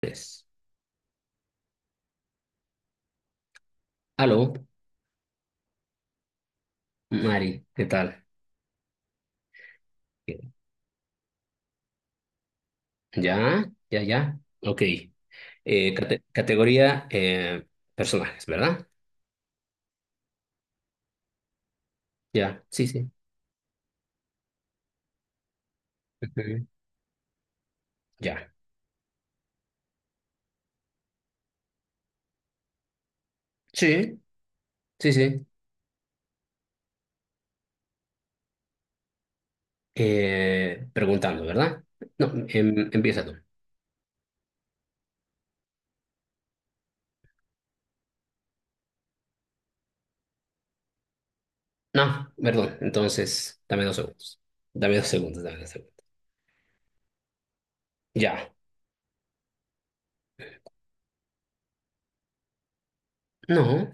Pues, aló, Mari, ¿qué tal? Ya, ya, ya. Ok. Cate- categoría, personajes, ¿verdad? Ya, sí, sí. Ujú. Ya. Sí, sí, sí. Preguntando, ¿verdad? No, empieza tú. No, perdón. Entonces, dame dos segundos. Dame dos segundos, dame dos segundos. Ya. No,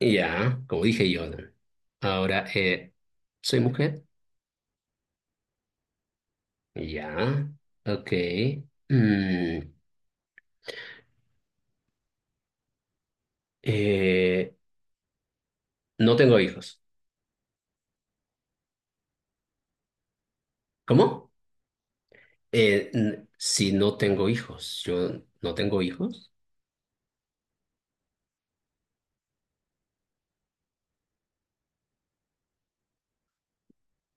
ya, como dije yo. ¿No? Ahora, ¿soy mujer? Ya. Ok. Mm. Eh, no tengo hijos. ¿Cómo? Si no tengo hijos, yo no tengo hijos.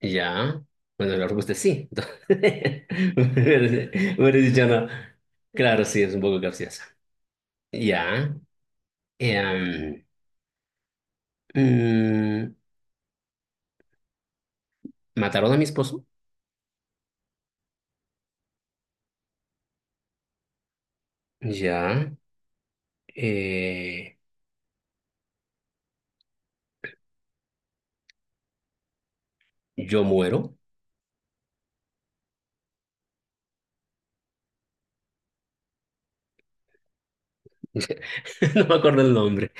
Ya, bueno, la respuesta es sí. Entonces, hubiera dicho no. Claro, sí, es un poco capciosa. Ya. eh, mm, ¿Mataron a mi esposo? Ya. eh, yo muero. No me acuerdo el nombre.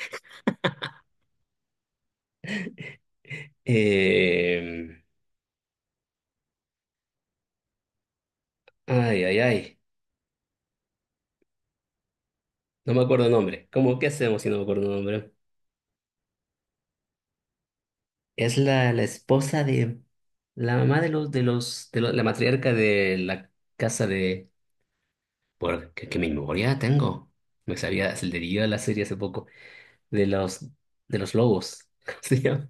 Eh, Ay, ay, ay. No me acuerdo el nombre. ¿Cómo qué hacemos si no me acuerdo el nombre? Es la esposa de la mamá de la matriarca de la casa de, por qué, qué memoria tengo. Me sabía, se le dio a la serie hace poco, de los, de los lobos. ¿Cómo se llama?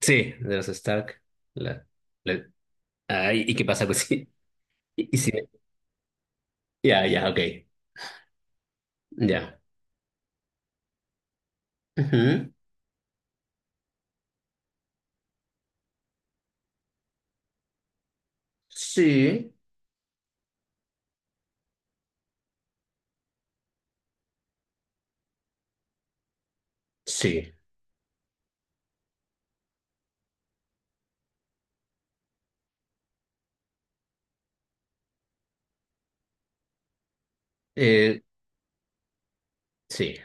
Sí, de los Stark. La, la- ah, ¿y qué pasa pues sí? Y sí, ya, ya, ok. Ya. Ujú. Sí, sí. Eh, sí.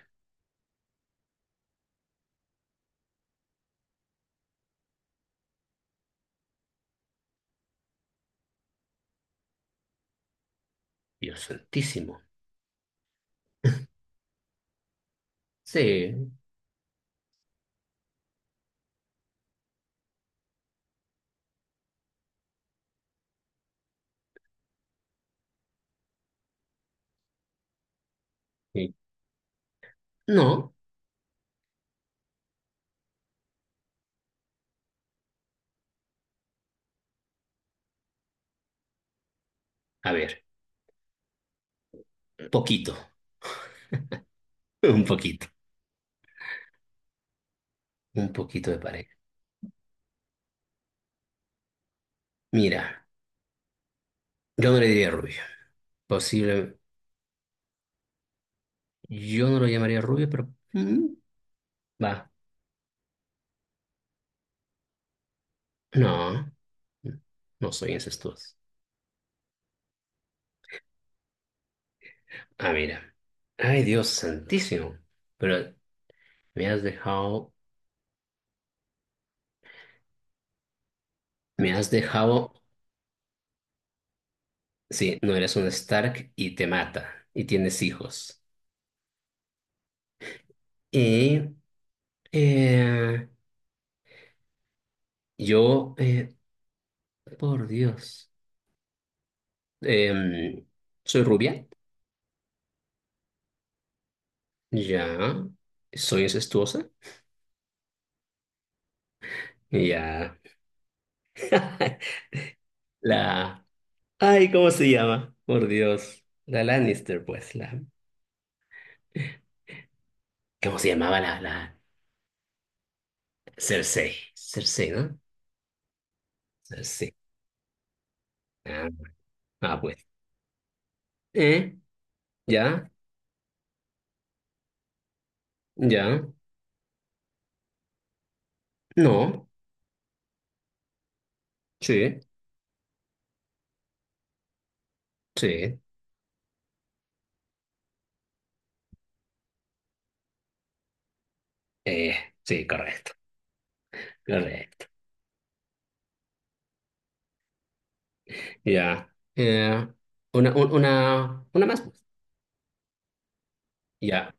Dios santísimo. Sí. Sí. No. A ver, poquito. Un poquito. Un poquito de pareja. Mira, yo no le diría rubio. Posible. Yo no lo llamaría rubio, pero. Va. No. No soy incestuoso. Ah, mira. Ay, Dios santísimo. Pero me has dejado. Me has dejado. Sí, no eres un Stark y te mata. Y tienes hijos. Y. eh, yo. Por Dios. Em, Soy rubia. Ya. Soy incestuosa. Ya. La... Ay, ¿cómo se llama? Por Dios. La Lannister, pues. La... ¿Cómo se llamaba la... ¿Cersei? Cersei, ¿no? Cersei. Ah, ah, pues. ¿Eh? ¿Ya? ¿Ya? No. Sí. Sí. Eh, sí, correcto. Correcto. Ya. Una más. Pues. Ya.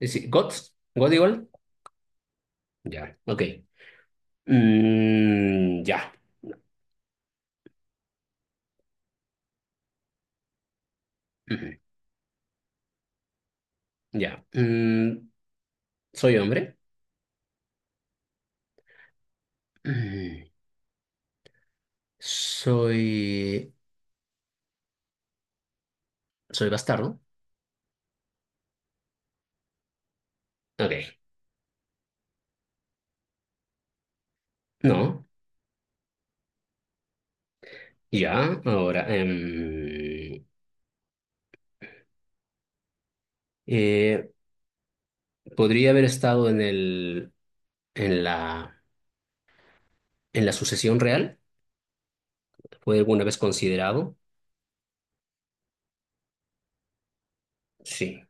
Sí. ¿Gods? ¿God igual? Ya. Ok. Mm, ya. Ujú, ya. Mm, ¿soy hombre? Mm. Soy. Soy bastardo. Ok. No. Ya. Ahora. Eh, ¿Podría haber estado en el. En la. En la sucesión real? ¿Fue alguna vez considerado? Sí.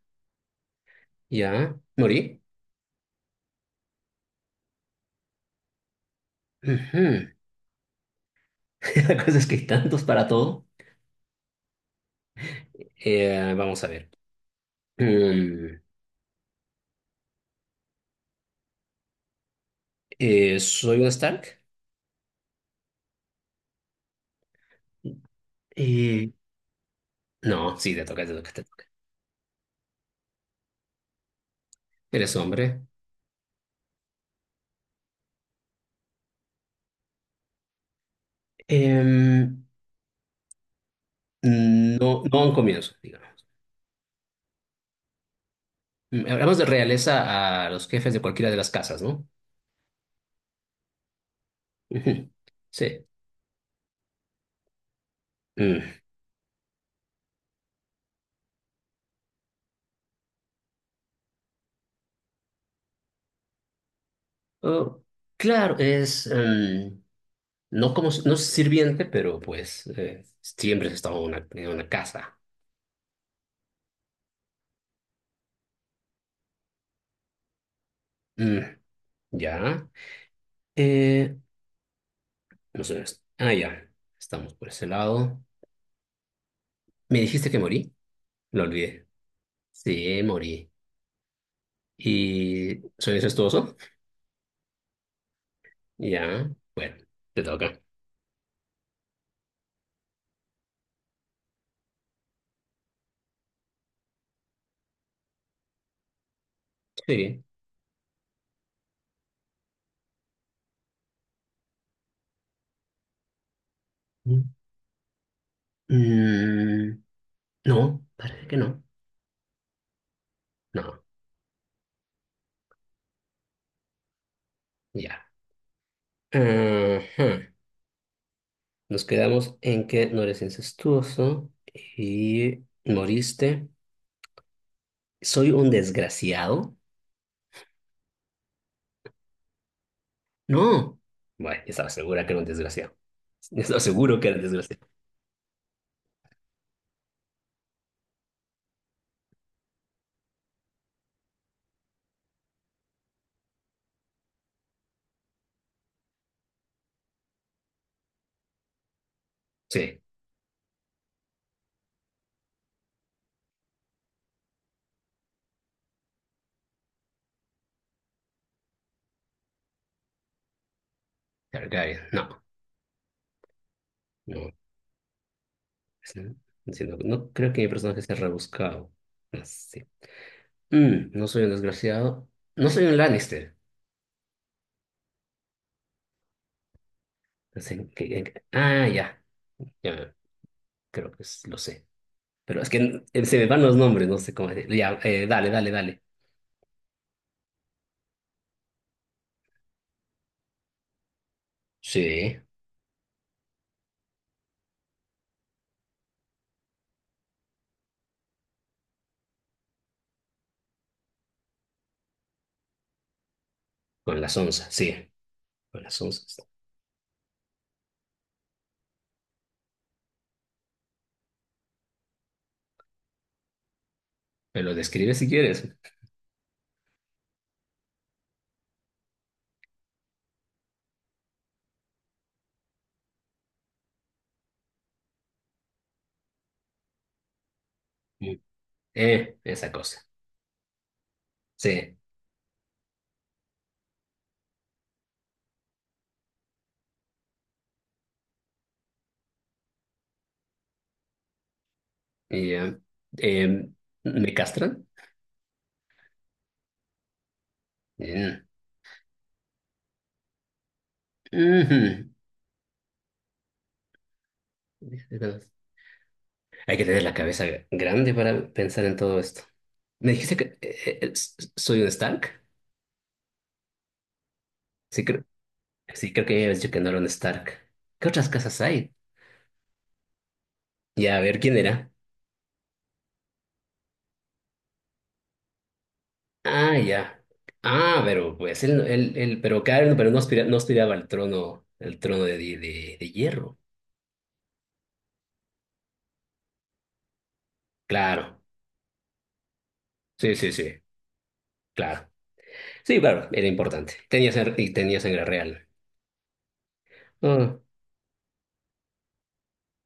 Ya. ¿Morí? Ujú. La cosa es que hay tantos para todo. Vamos a ver. Mm, ¿Soy un Stark? Eh, no, sí, te toca, te toca, te toca. Eres hombre. Em, no, no a un comienzo, digamos. Mm, hablamos de realeza a los jefes de cualquiera de las casas, ¿no? Ujú. Sí. Mm. Oh, claro, no como no sirviente, pero pues siempre has estado en una casa. Mm, ya. Eh, no sé. Ah, ya. Estamos por ese lado. ¿Me dijiste que morí? Lo olvidé. Sí, morí. ¿Y soy incestuoso? Ya. Bueno, te toca. Sí. Mm. Mm, no, parece que no. No. Ya. Ajá. Nos quedamos en que no eres incestuoso y moriste. ¿Soy un desgraciado? No. Bueno, estaba segura que era un desgraciado. Estaba seguro que era un desgraciado. Sí, Targaryen. No, no. Sí, no, no creo que mi personaje sea rebuscado. Así. Mm, no soy un desgraciado. No soy un Lannister. Así que- ah, ya. Ya, creo que lo sé. Pero es que se me van los nombres, no sé cómo decir. Ya, dale, dale, dale. Sí, con las onzas, sí, con las onzas. Me lo describes si quieres. Mm. Esa cosa. Sí. Y, eh, ¿me castran? Mm. Ujú. Hay que tener la cabeza grande para pensar en todo esto. ¿Me dijiste que soy un Stark? Sí, creo, sí, creo que ya habías dicho que no era un Stark. ¿Qué otras casas hay? Ya, a ver, ¿quién era? Ah, ya. Ah, pero pues pero claro, pero no aspiraba al trono, el trono de hierro. Claro. Sí, sí, sí. Claro. Sí, claro, era importante. Tenía sangre, y tenía sangre real. Ah,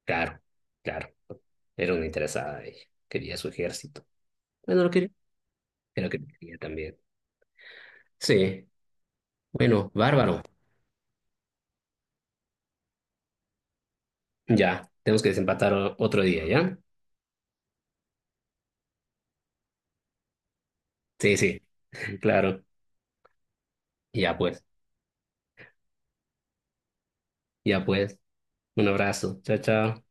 claro, claro. Era una interesada ella. Quería su ejército. Bueno, lo quería. Era lo que quería también. Sí. Bueno, bárbaro. Ya. Tenemos que desempatar otro día, ¿ya? Sí, sí. Claro. Ya pues. Ya pues. Un abrazo. Chao, chao.